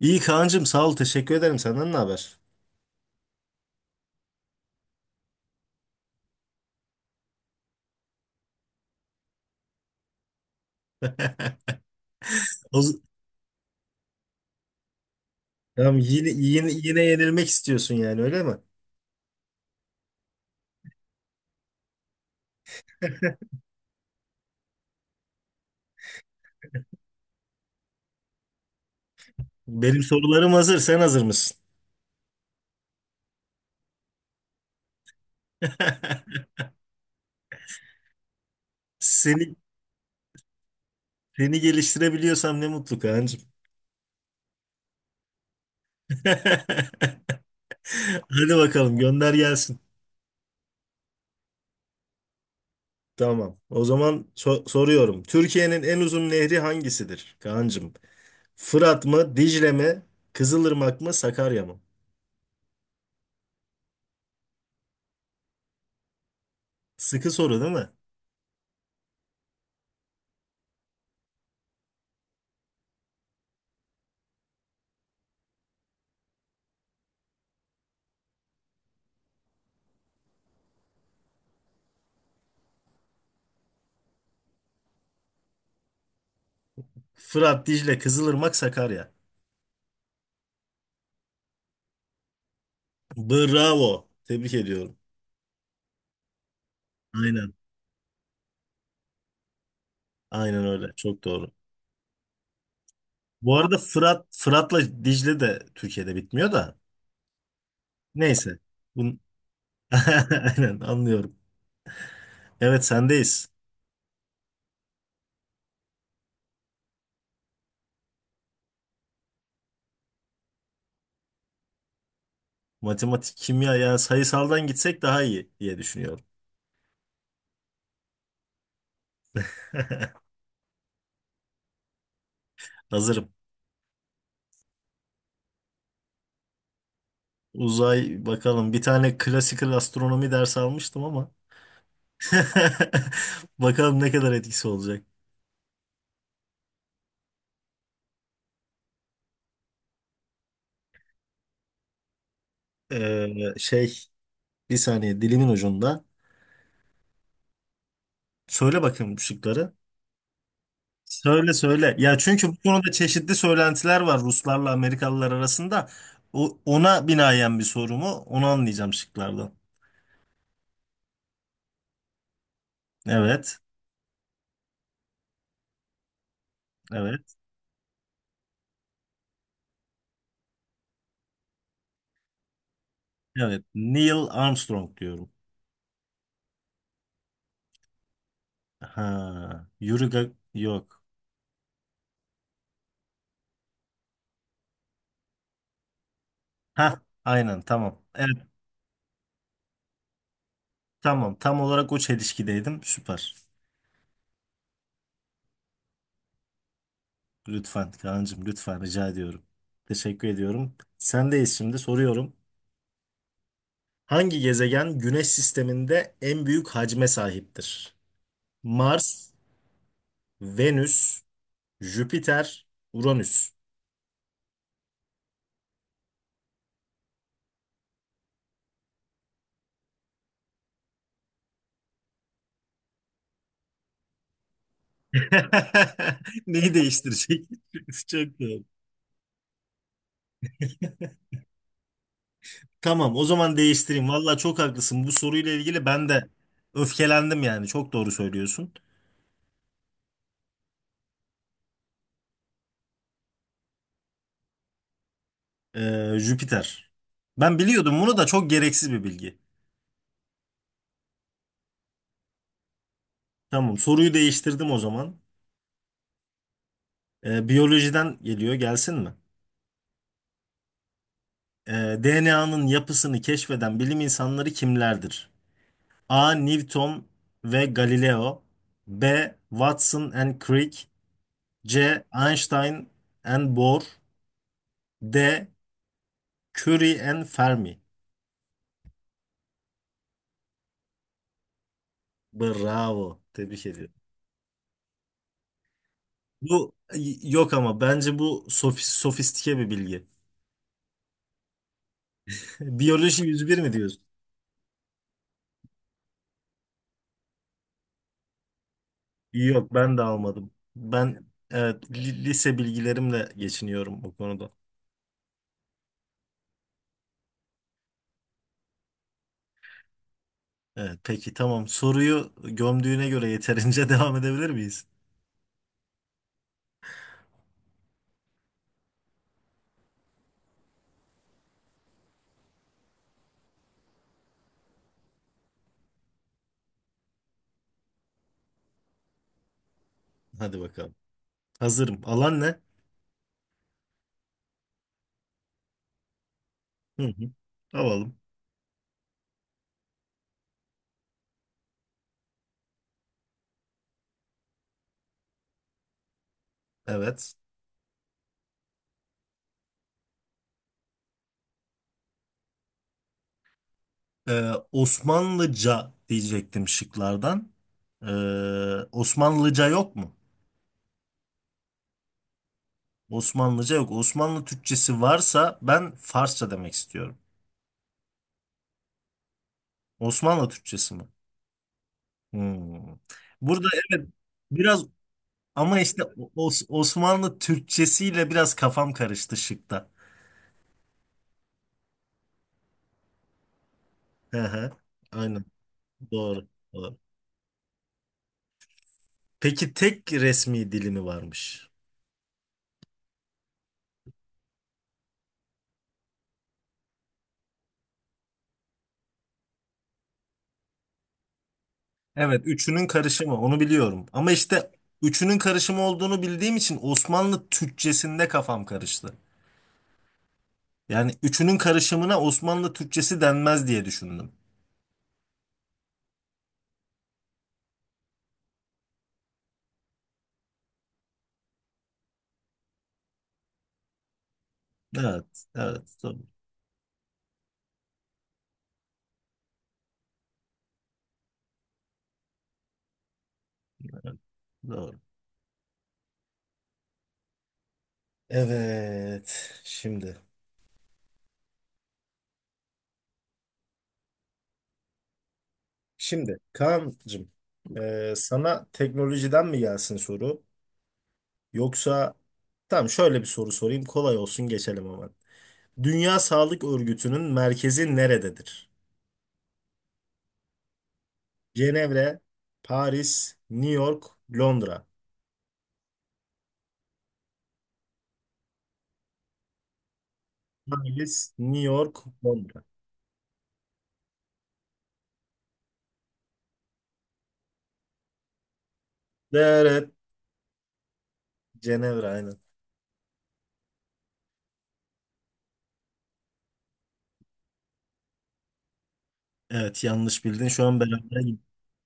İyi Kaan'cığım sağ ol teşekkür ederim. Senden ne haber? O z- Tamam, yine yenilmek istiyorsun yani öyle mi? Benim sorularım hazır, sen hazır mısın? Seni seni geliştirebiliyorsam ne mutlu Kaan'cığım. Hadi bakalım gönder gelsin. Tamam. O zaman soruyorum. Türkiye'nin en uzun nehri hangisidir Kaan'cığım? Fırat mı, Dicle mi, Kızılırmak mı, Sakarya mı? Sıkı soru değil mi? Fırat, Dicle, Kızılırmak, Sakarya. Bravo. Tebrik ediyorum. Aynen. Aynen öyle. Çok doğru. Bu arada Fırat'la Dicle de Türkiye'de bitmiyor da. Neyse. Bun... Aynen anlıyorum. Evet sendeyiz. Matematik, kimya, yani sayısaldan gitsek daha iyi diye düşünüyorum. Hazırım. Uzay bakalım. Bir tane klasikal astronomi dersi almıştım ama. Bakalım ne kadar etkisi olacak. Ee, şey, bir saniye dilimin ucunda. Söyle bakayım şıkları. Söyle söyle. Ya çünkü bu konuda çeşitli söylentiler var Ruslarla Amerikalılar arasında. O, ona binaen bir soru mu? Onu anlayacağım şıklardan. Evet. Evet. Evet. Neil Armstrong diyorum. Ha, yok. Ha, aynen tamam. Evet, tamam. Tam olarak o çelişkideydim. Süper. Lütfen Kaan'cığım, lütfen rica ediyorum. Teşekkür ediyorum. Sendeyiz, şimdi soruyorum. Hangi gezegen Güneş sisteminde en büyük hacme sahiptir? Mars, Venüs, Jüpiter, Uranüs. Neyi değiştirecek? Çok doğru. Tamam, o zaman değiştireyim. Valla çok haklısın. Bu soruyla ilgili ben de öfkelendim yani. Çok doğru söylüyorsun. Jüpiter. Ben biliyordum bunu da, çok gereksiz bir bilgi. Tamam, soruyu değiştirdim o zaman. Biyolojiden geliyor, gelsin mi? DNA'nın yapısını keşfeden bilim insanları kimlerdir? A. Newton ve Galileo. B. Watson and Crick. C. Einstein and Bohr. D. Curie and Fermi. Bravo. Tebrik ediyorum. Bu yok, ama bence bu sofistike bir bilgi. Biyoloji 101 mi diyorsun? Yok, ben de almadım. Ben evet, lise bilgilerimle geçiniyorum bu konuda. Evet peki tamam. Soruyu gömdüğüne göre yeterince devam edebilir miyiz? Hadi bakalım. Hazırım. Alan ne? Hı hı. Alalım. Evet. Osmanlıca diyecektim şıklardan. Ee, Osmanlıca yok mu? Osmanlıca yok. Osmanlı Türkçesi varsa ben Farsça demek istiyorum. Osmanlı Türkçesi mi? Hmm. Burada evet biraz, ama işte Osmanlı Türkçesiyle biraz kafam karıştı şıkta. Hı hı. Aynen. Doğru. Doğru. Peki tek resmi dili mi varmış? Evet, üçünün karışımı onu biliyorum. Ama işte üçünün karışımı olduğunu bildiğim için Osmanlı Türkçesinde kafam karıştı. Yani üçünün karışımına Osmanlı Türkçesi denmez diye düşündüm. Evet, evet, doğru. Doğru. Evet, şimdi. Şimdi Kaan'cığım, sana teknolojiden mi gelsin soru? Yoksa tamam, şöyle bir soru sorayım, kolay olsun geçelim hemen. Dünya Sağlık Örgütü'nün merkezi nerededir? Cenevre, Paris, New York, Londra. Paris, New York, Londra. Evet, evet. Cenevre aynen. Evet yanlış bildin. Şu an beraber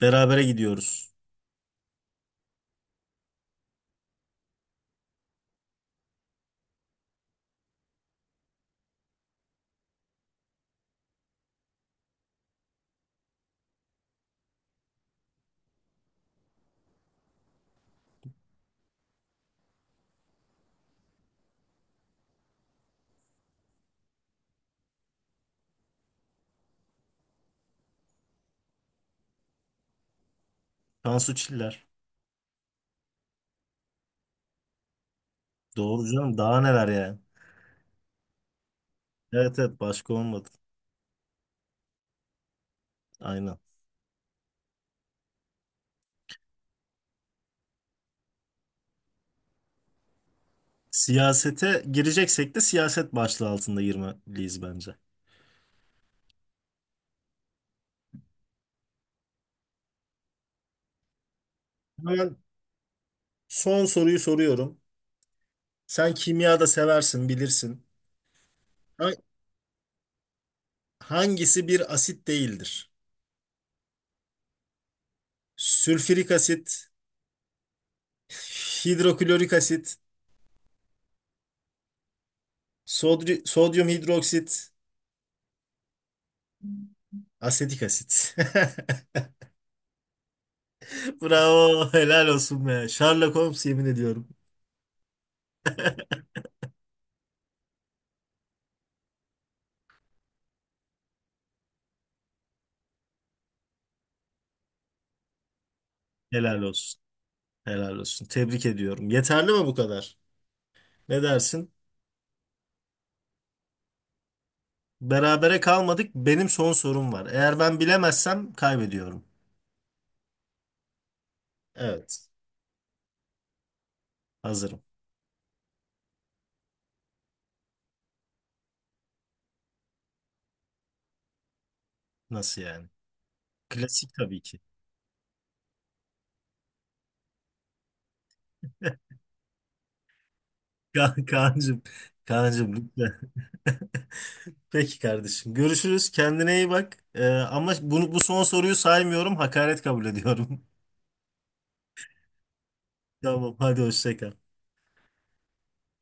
berabere gidiyoruz. Tansu Çiller. Doğru canım. Daha neler yani. Evet evet, başka olmadı. Aynen. Siyasete gireceksek de siyaset başlığı altında girmeliyiz bence. Hemen son soruyu soruyorum. Sen kimya da seversin, bilirsin. Ha- Hangisi bir asit değildir? Sülfürik asit, hidroklorik asit, sodyum hidroksit, asetik asit. Bravo, helal olsun be. Sherlock Holmes, yemin ediyorum. Helal olsun. Helal olsun. Tebrik ediyorum. Yeterli mi bu kadar? Ne dersin? Berabere kalmadık. Benim son sorum var. Eğer ben bilemezsem kaybediyorum. Evet. Hazırım. Nasıl yani? Klasik tabii ki. Kaan'cığım, Kaan'cığım lütfen. Peki kardeşim. Görüşürüz. Kendine iyi bak. Ama bunu, bu son soruyu saymıyorum. Hakaret kabul ediyorum. Tamam, hadi hoşça kal.